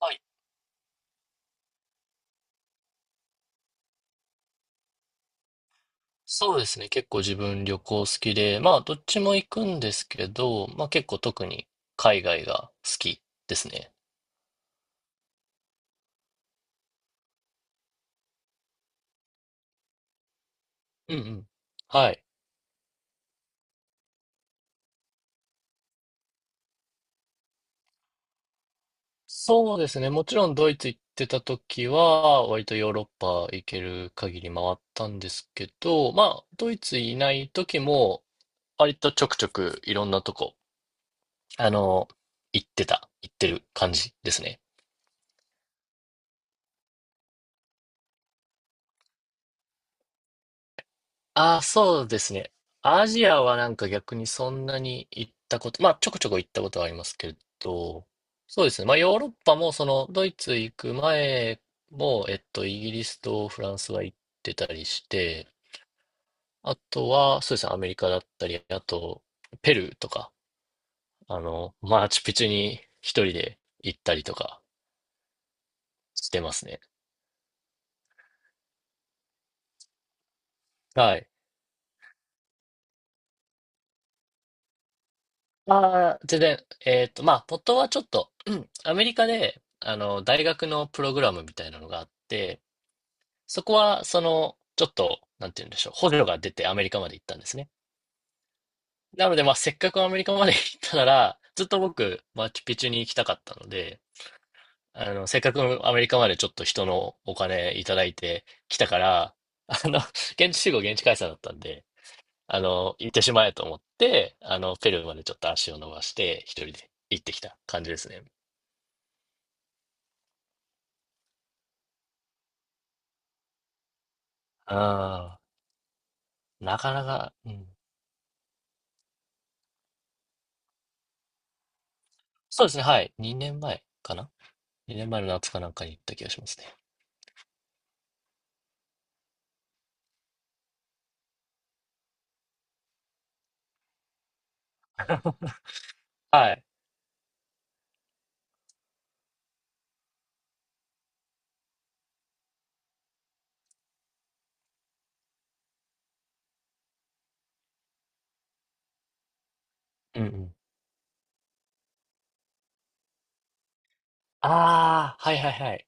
はい、そうですね。結構自分旅行好きで、まあどっちも行くんですけど、まあ結構特に海外が好きですね。うんうん。はい。そうですね。もちろんドイツ行ってた時は、割とヨーロッパ行ける限り回ったんですけど、まあドイツいない時も、割とちょくちょくいろんなとこ、あの、行ってた、行ってる感じですね。ああ、そうですね。アジアはなんか逆にそんなに行ったこと、まあちょこちょこ行ったことはありますけど、そうですね。まあヨーロッパもそのドイツ行く前も、イギリスとフランスは行ってたりして、あとはそうですね、アメリカだったり、あとペルーとか、マーチュピチュに一人で行ったりとかしてますね。はい。ああ、全然、まあ、ポットはちょっと、うんアメリカで、大学のプログラムみたいなのがあって、そこは、その、ちょっと、なんて言うんでしょう、補助が出てアメリカまで行ったんですね。なので、まあ、せっかくアメリカまで 行ったなら、ずっと僕、マチュピチュに行きたかったので、せっかくアメリカまでちょっと人のお金いただいてきたから、あの、現地集合、現地解散だったんで、行ってしまえと思って、ペルーまでちょっと足を伸ばして、一人で行ってきた感じですね。ああ、なかなか、うん。そうですね、はい。2年前かな？ 2 年前の夏かなんかに行った気がしますね。はい。うんうん。ああ、はいはいはい。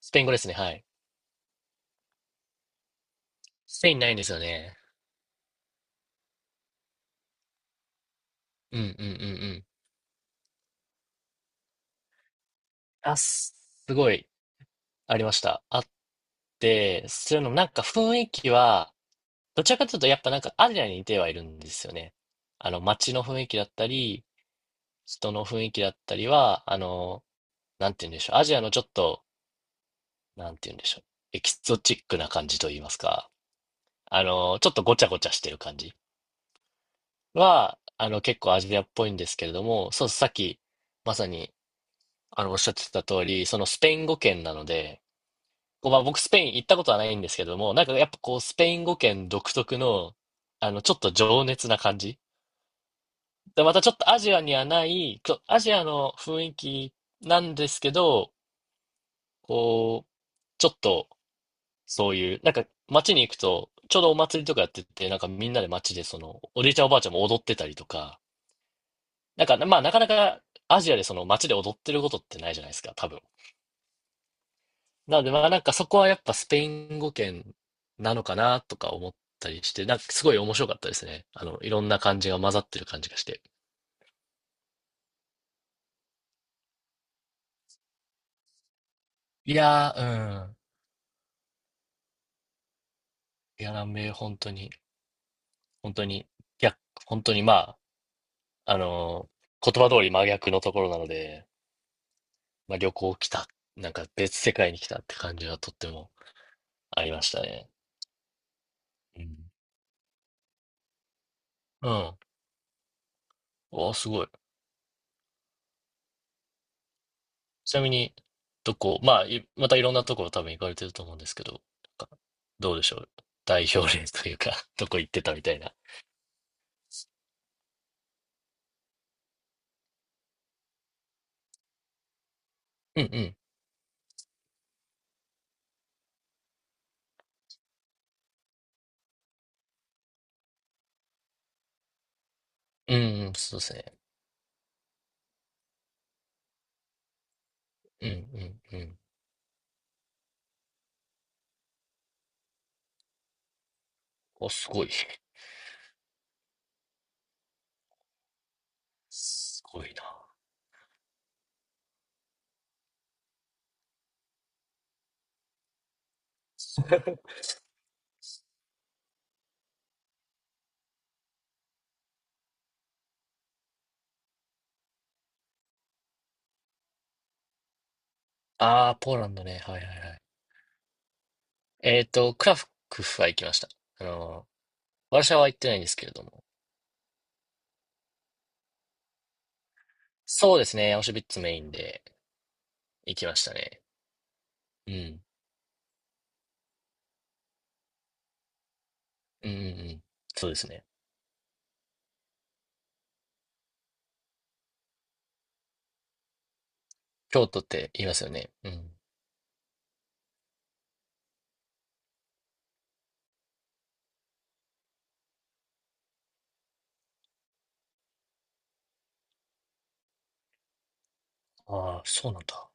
スペイン語ですね、はい。スペインないんですよね。うんうんうんうん。あ、す、すごいありました。あって、それのなんか雰囲気は、どちらかというとやっぱなんかアジアに似てはいるんですよね。街の雰囲気だったり、人の雰囲気だったりは、なんて言うんでしょう。アジアのちょっと、なんて言うんでしょう。エキゾチックな感じと言いますか。ちょっとごちゃごちゃしてる感じは、結構アジアっぽいんですけれども、そう、さっき、まさに、おっしゃってた通り、そのスペイン語圏なので、こうまあ、僕スペイン行ったことはないんですけれども、なんかやっぱこう、スペイン語圏独特の、ちょっと情熱な感じ。で、またちょっとアジアにはない、アジアの雰囲気なんですけど、こう、ちょっと、そういう、なんか街に行くと、ちょうどお祭りとかやってて、なんかみんなで街でその、おじいちゃんおばあちゃんも踊ってたりとか、なんか、まあなかなかアジアでその街で踊ってることってないじゃないですか、多分。なのでまあなんかそこはやっぱスペイン語圏なのかなとか思ったりして、なんかすごい面白かったですね。いろんな感じが混ざってる感じがして。いやー、うん。いや、南米本当に、本当に、逆、本当にまあ、あのー言葉通り真逆のところなので、まあ、旅行来た、なんか別世界に来たって感じがとってもありましたね。うん。うん。お、すごい。ちなみに、どこ、まあ、いまたいろんなところ多分行かれてると思うんですけど、なんかどうでしょう。代表例というか どこ行ってたみたいな。うんうん。うんうん、そうですね。うんうんうん。お、すごい。すごいな。ああ、ポーランドね。はいはいはい。クラクフは行きました。あの、ワルシャワは行ってないんですけれども。そうですね。アウシュビッツメインで行きましたね。うん。うんうんうん。そうですね。京都って言いますよね。うん。ああ、そうなんだ。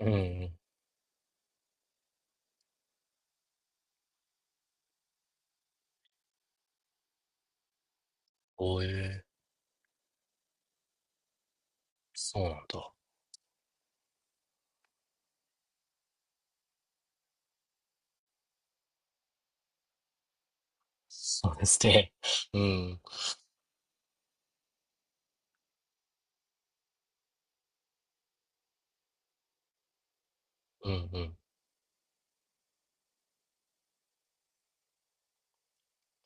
うんうん。おえ、そうなんだ。そうですね。うん。うんうん。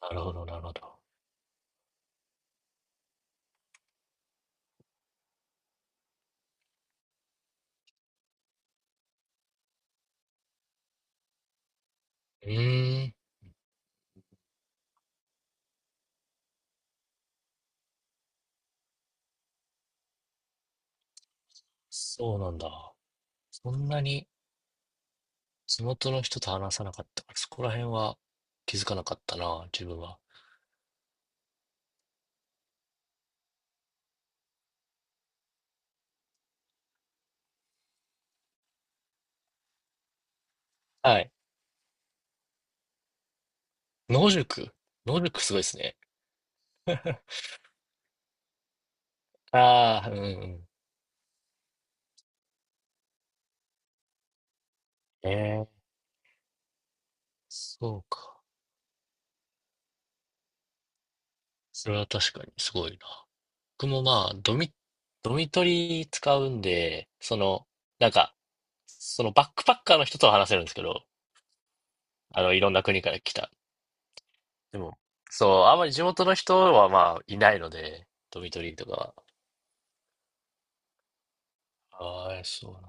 なるほどなるほど。うーん、そうなんだ。そんなに地元の人と話さなかったから、そこら辺は気づかなかったな、自分は。はい。野宿。すごいですね。ああ、うんうん。ええ、そうか。それは確かにすごいな。僕もまあ、ドミトリー使うんで、その、なんか、そのバックパッカーの人とは話せるんですけど、いろんな国から来た。でも、そう、あんまり地元の人はまあ、いないので、ドミトリーとかは。ああ、そうなんだ。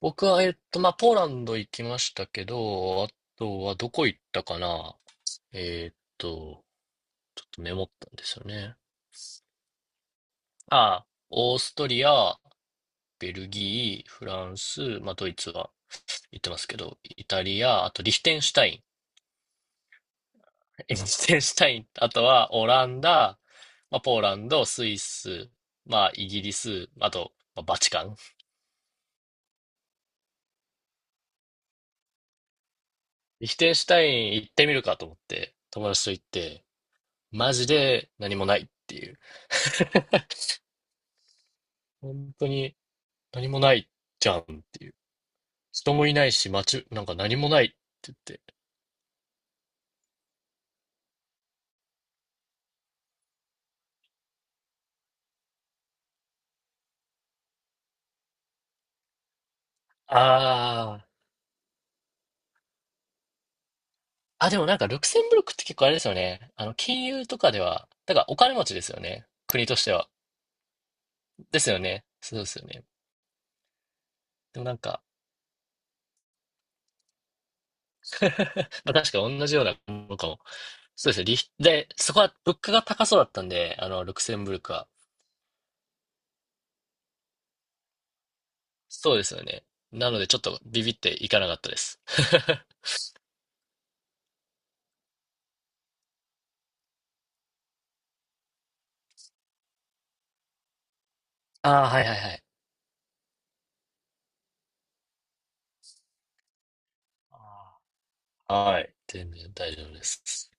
僕は、まあ、ポーランド行きましたけど、あとはどこ行ったかな。えーっと、ちょっとメモったんですよね。ああ、オーストリア、ベルギー、フランス、まあ、ドイツは行ってますけど、イタリア、あとリヒテンシュタイン。リヒテンシュタイン、あとはオランダ、まあ、ポーランド、スイス、まあ、イギリス、あと、まあ、バチカン。リヒテンシュタイン行ってみるかと思って、友達と行って、マジで何もないっていう。本当に何もないじゃんっていう。人もいないし、街、なんか何もないって言って。ああ、でもなんか、ルクセンブルクって結構あれですよね。金融とかでは、だからお金持ちですよね。国としては。ですよね。そうですよね。でもなんか、まあ確か同じようなものかも。そうですね。リヒで、そこは物価が高そうだったんで、ルクセンブルクは。そうですよね。なのでちょっとビビっていかなかったです。ああ、はいはいはい。はい。全然大丈夫です。